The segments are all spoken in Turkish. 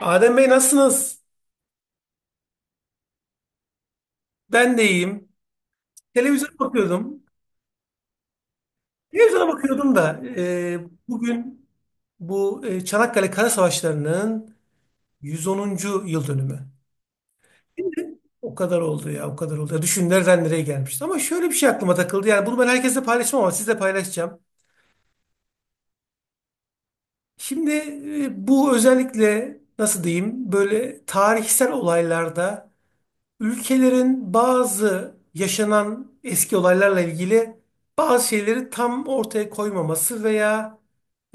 Adem Bey nasılsınız? Ben de iyiyim. Televizyona bakıyordum. Televizyona bakıyordum da bugün bu Çanakkale Kara Savaşları'nın 110. yıl dönümü. Şimdi o kadar oldu ya, o kadar oldu. Ya, düşün nereden nereye gelmişti. Ama şöyle bir şey aklıma takıldı. Yani bunu ben herkesle paylaşmam ama sizle paylaşacağım. Şimdi bu özellikle nasıl diyeyim böyle tarihsel olaylarda ülkelerin bazı yaşanan eski olaylarla ilgili bazı şeyleri tam ortaya koymaması veya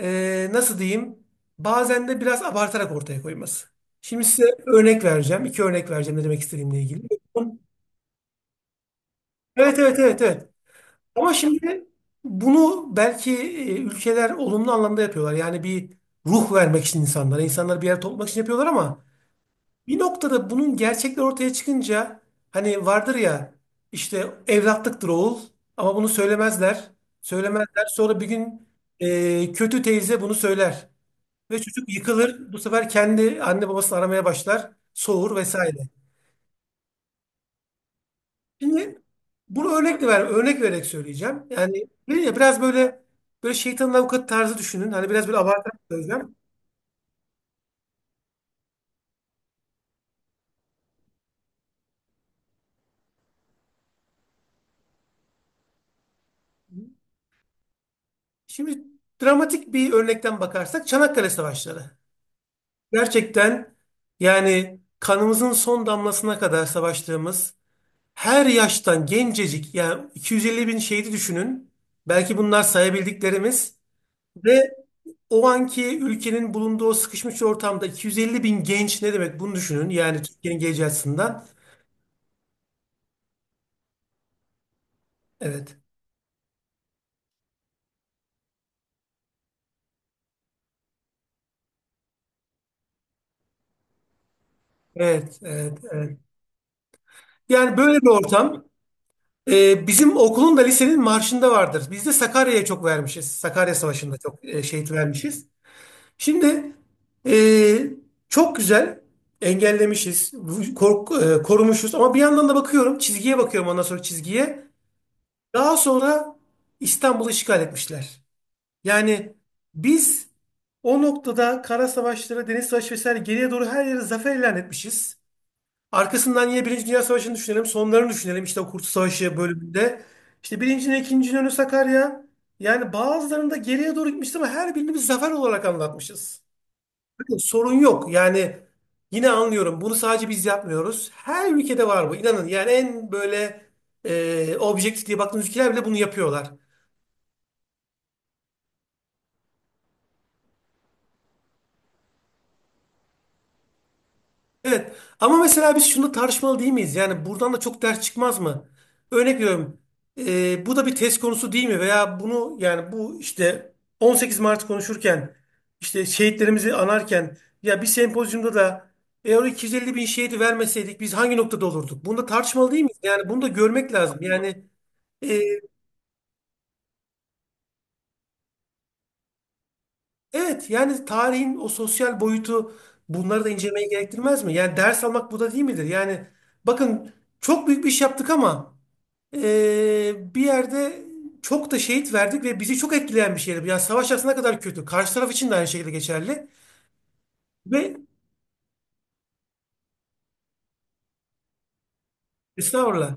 nasıl diyeyim bazen de biraz abartarak ortaya koyması. Şimdi size örnek vereceğim. İki örnek vereceğim ne demek istediğimle ilgili. Evet, evet, evet, evet. Ama şimdi bunu belki ülkeler olumlu anlamda yapıyorlar. Yani bir ruh vermek için insanlara, insanları bir yere toplamak için yapıyorlar ama bir noktada bunun gerçekler ortaya çıkınca hani vardır ya, işte evlatlıktır oğul, ama bunu söylemezler. Söylemezler. Sonra bir gün kötü teyze bunu söyler. Ve çocuk yıkılır. Bu sefer kendi anne babasını aramaya başlar. Soğur vesaire. Şimdi bunu örnek vererek söyleyeceğim. Yani dedim ya biraz böyle şeytanın avukatı tarzı düşünün. Hani biraz böyle abartarak söyleyeceğim. Şimdi dramatik bir örnekten bakarsak Çanakkale Savaşları. Gerçekten yani kanımızın son damlasına kadar savaştığımız her yaştan gencecik yani 250 bin şehidi düşünün. Belki bunlar sayabildiklerimiz ve o anki ülkenin bulunduğu o sıkışmış ortamda 250 bin genç ne demek bunu düşünün. Yani Türkiye'nin geleceği açısından. Evet, evet, evet, evet. Yani böyle bir ortam bizim okulun da, lisenin marşında vardır. Biz de Sakarya'ya çok vermişiz. Sakarya Savaşı'nda çok şehit vermişiz. Şimdi eee, çok güzel engellemişiz, korumuşuz ama bir yandan da bakıyorum çizgiye, bakıyorum ondan sonra çizgiye. Daha sonra İstanbul'u işgal etmişler. Yani biz o noktada kara savaşları, deniz savaşı vesaire geriye doğru her yere zafer ilan etmişiz. Arkasından yine Birinci Dünya Savaşı'nı düşünelim, sonlarını düşünelim, işte o Kurtuluş Savaşı bölümünde. İşte birincinin ikinci önü Sakarya. Yani bazılarında geriye doğru gitmişiz ama her birini biz zafer olarak anlatmışız. Sorun yok. Yani yine anlıyorum. Bunu sadece biz yapmıyoruz. Her ülkede var bu. İnanın yani en böyle objektif diye baktığınız ülkeler bile bunu yapıyorlar. Evet. Ama mesela biz şunu tartışmalı değil miyiz? Yani buradan da çok ders çıkmaz mı? Örnek veriyorum. Bu da bir test konusu değil mi? Veya bunu, yani bu işte 18 Mart konuşurken, işte şehitlerimizi anarken ya bir sempozyumda da, eğer o 250 bin şehidi vermeseydik biz hangi noktada olurduk? Bunu da tartışmalı değil miyiz? Yani bunu da görmek lazım. Yani Ee, evet, yani tarihin o sosyal boyutu, bunları da incelemeyi gerektirmez mi? Yani ders almak bu da değil midir? Yani bakın, çok büyük bir iş yaptık ama bir yerde çok da şehit verdik ve bizi çok etkileyen bir şeydi. Yani savaş aslında kadar kötü. Karşı taraf için de aynı şekilde geçerli. Ve estağfurullah.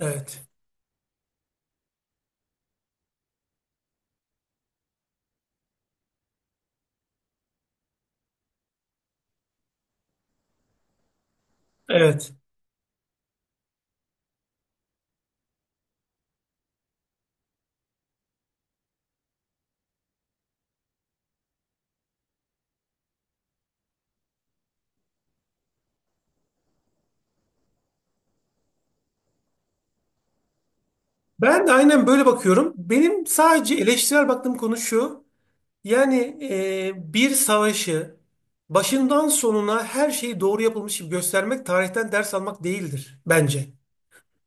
Evet. Evet. Ben de aynen böyle bakıyorum. Benim sadece eleştirel baktığım konu şu. Yani bir savaşı başından sonuna her şeyi doğru yapılmış gibi göstermek tarihten ders almak değildir bence.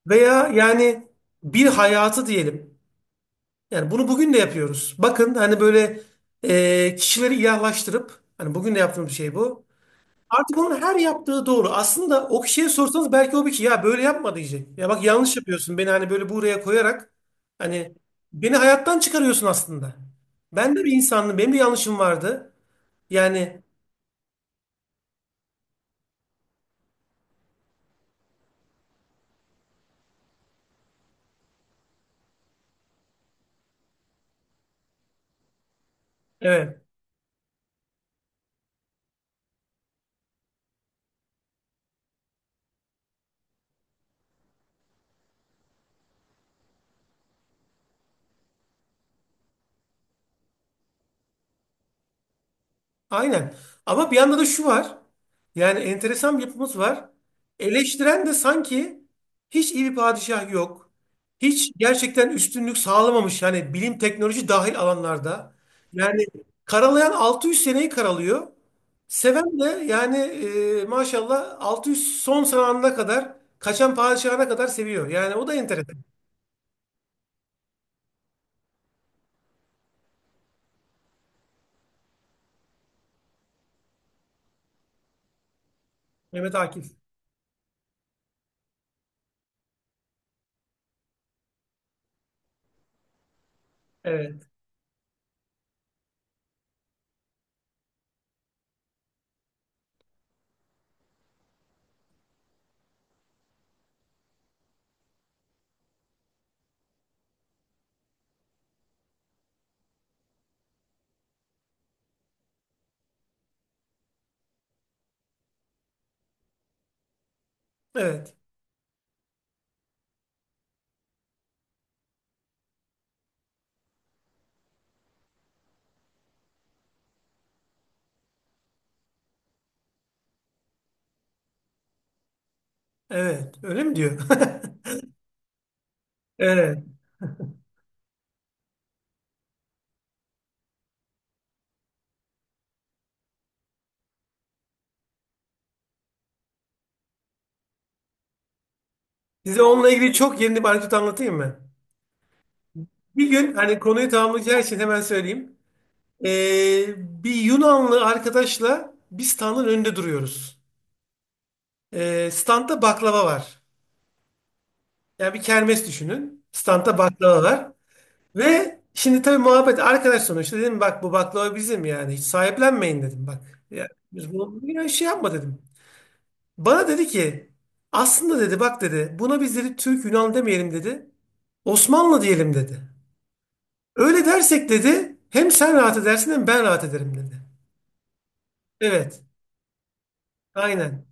Veya yani bir hayatı diyelim. Yani bunu bugün de yapıyoruz. Bakın hani böyle kişileri ilahlaştırıp, hani bugün de yaptığımız şey bu. Artık onun her yaptığı doğru. Aslında o kişiye sorsanız belki o bir kişi, ya böyle yapma diyecek. Ya bak, yanlış yapıyorsun, beni hani böyle buraya koyarak hani beni hayattan çıkarıyorsun aslında. Ben de bir insandım. Benim de yanlışım vardı. Yani evet, aynen. Ama bir yanda da şu var. Yani enteresan bir yapımız var. Eleştiren de sanki hiç iyi bir padişah yok. Hiç gerçekten üstünlük sağlamamış yani bilim, teknoloji dahil alanlarda. Yani karalayan 600 seneyi karalıyor. Seven de yani maşallah 600 son zamanına kadar, kaçan padişahına kadar seviyor. Yani o da enteresan. Mehmet Akif. Evet. Evet. Evet. Öyle mi diyor? Evet. Size onunla ilgili çok yeni bir anekdot anlatayım mı? Bir gün, hani konuyu tamamlayacağı için hemen söyleyeyim. Ee, Bir Yunanlı arkadaşla bir standın önünde duruyoruz. Standta baklava var. Yani bir kermes düşünün. Standta baklava var. Ve şimdi tabii muhabbet, arkadaş sonuçta, dedim bak bu baklava bizim, yani hiç sahiplenmeyin dedim bak. Ya, biz bunu bir şey yapma dedim. Bana dedi ki, aslında dedi bak dedi, buna biz dedi Türk Yunan demeyelim dedi. Osmanlı diyelim dedi. Öyle dersek dedi hem sen rahat edersin hem ben rahat ederim dedi. Evet. Aynen.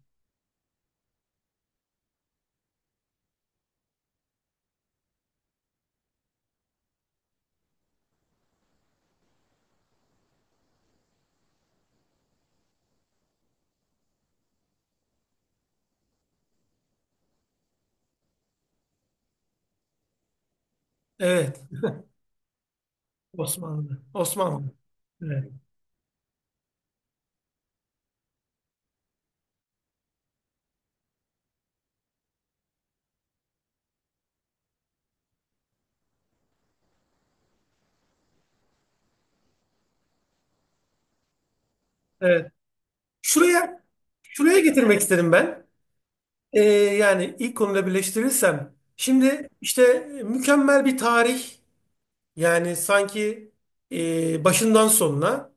Evet. Osmanlı. Osmanlı. Evet. Evet. Şuraya Şuraya getirmek istedim ben. Yani ilk konuda birleştirirsem. Şimdi işte mükemmel bir tarih. Yani sanki başından sonuna.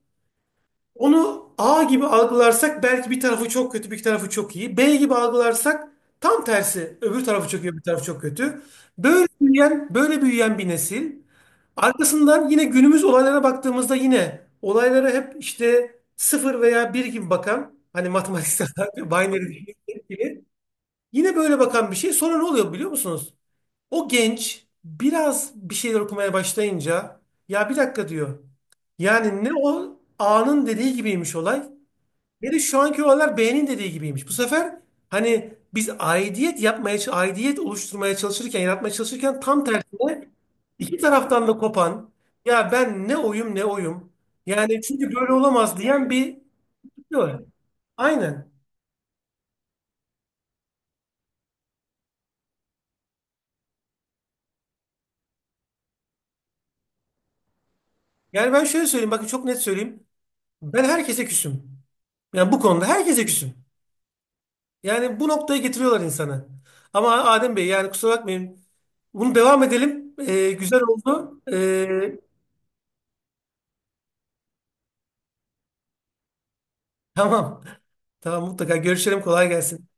Onu A gibi algılarsak belki bir tarafı çok kötü, bir tarafı çok iyi. B gibi algılarsak tam tersi. Öbür tarafı çok iyi, öbür tarafı çok kötü. Böyle büyüyen bir nesil. Arkasından yine günümüz olaylara baktığımızda yine olaylara hep işte sıfır veya bir gibi bakan, hani matematiksel olarak binary gibi yine böyle bakan bir şey. Sonra ne oluyor biliyor musunuz? O genç biraz bir şeyler okumaya başlayınca, ya bir dakika diyor. Yani ne o A'nın dediği gibiymiş olay. Bir de şu anki olaylar beğenin dediği gibiymiş. Bu sefer hani biz aidiyet yapmaya, aidiyet oluşturmaya çalışırken, yaratmaya çalışırken tam tersine iki taraftan da kopan, ya ben ne oyum, ne oyum. Yani çünkü böyle olamaz diyen bir kitle var. Aynen. Yani ben şöyle söyleyeyim, bakın çok net söyleyeyim. Ben herkese küsüm. Yani bu konuda herkese küsüm. Yani bu noktaya getiriyorlar insanı. Ama Adem Bey yani kusura bakmayın. Bunu devam edelim. Güzel oldu. Tamam. Tamam, mutlaka görüşelim. Kolay gelsin.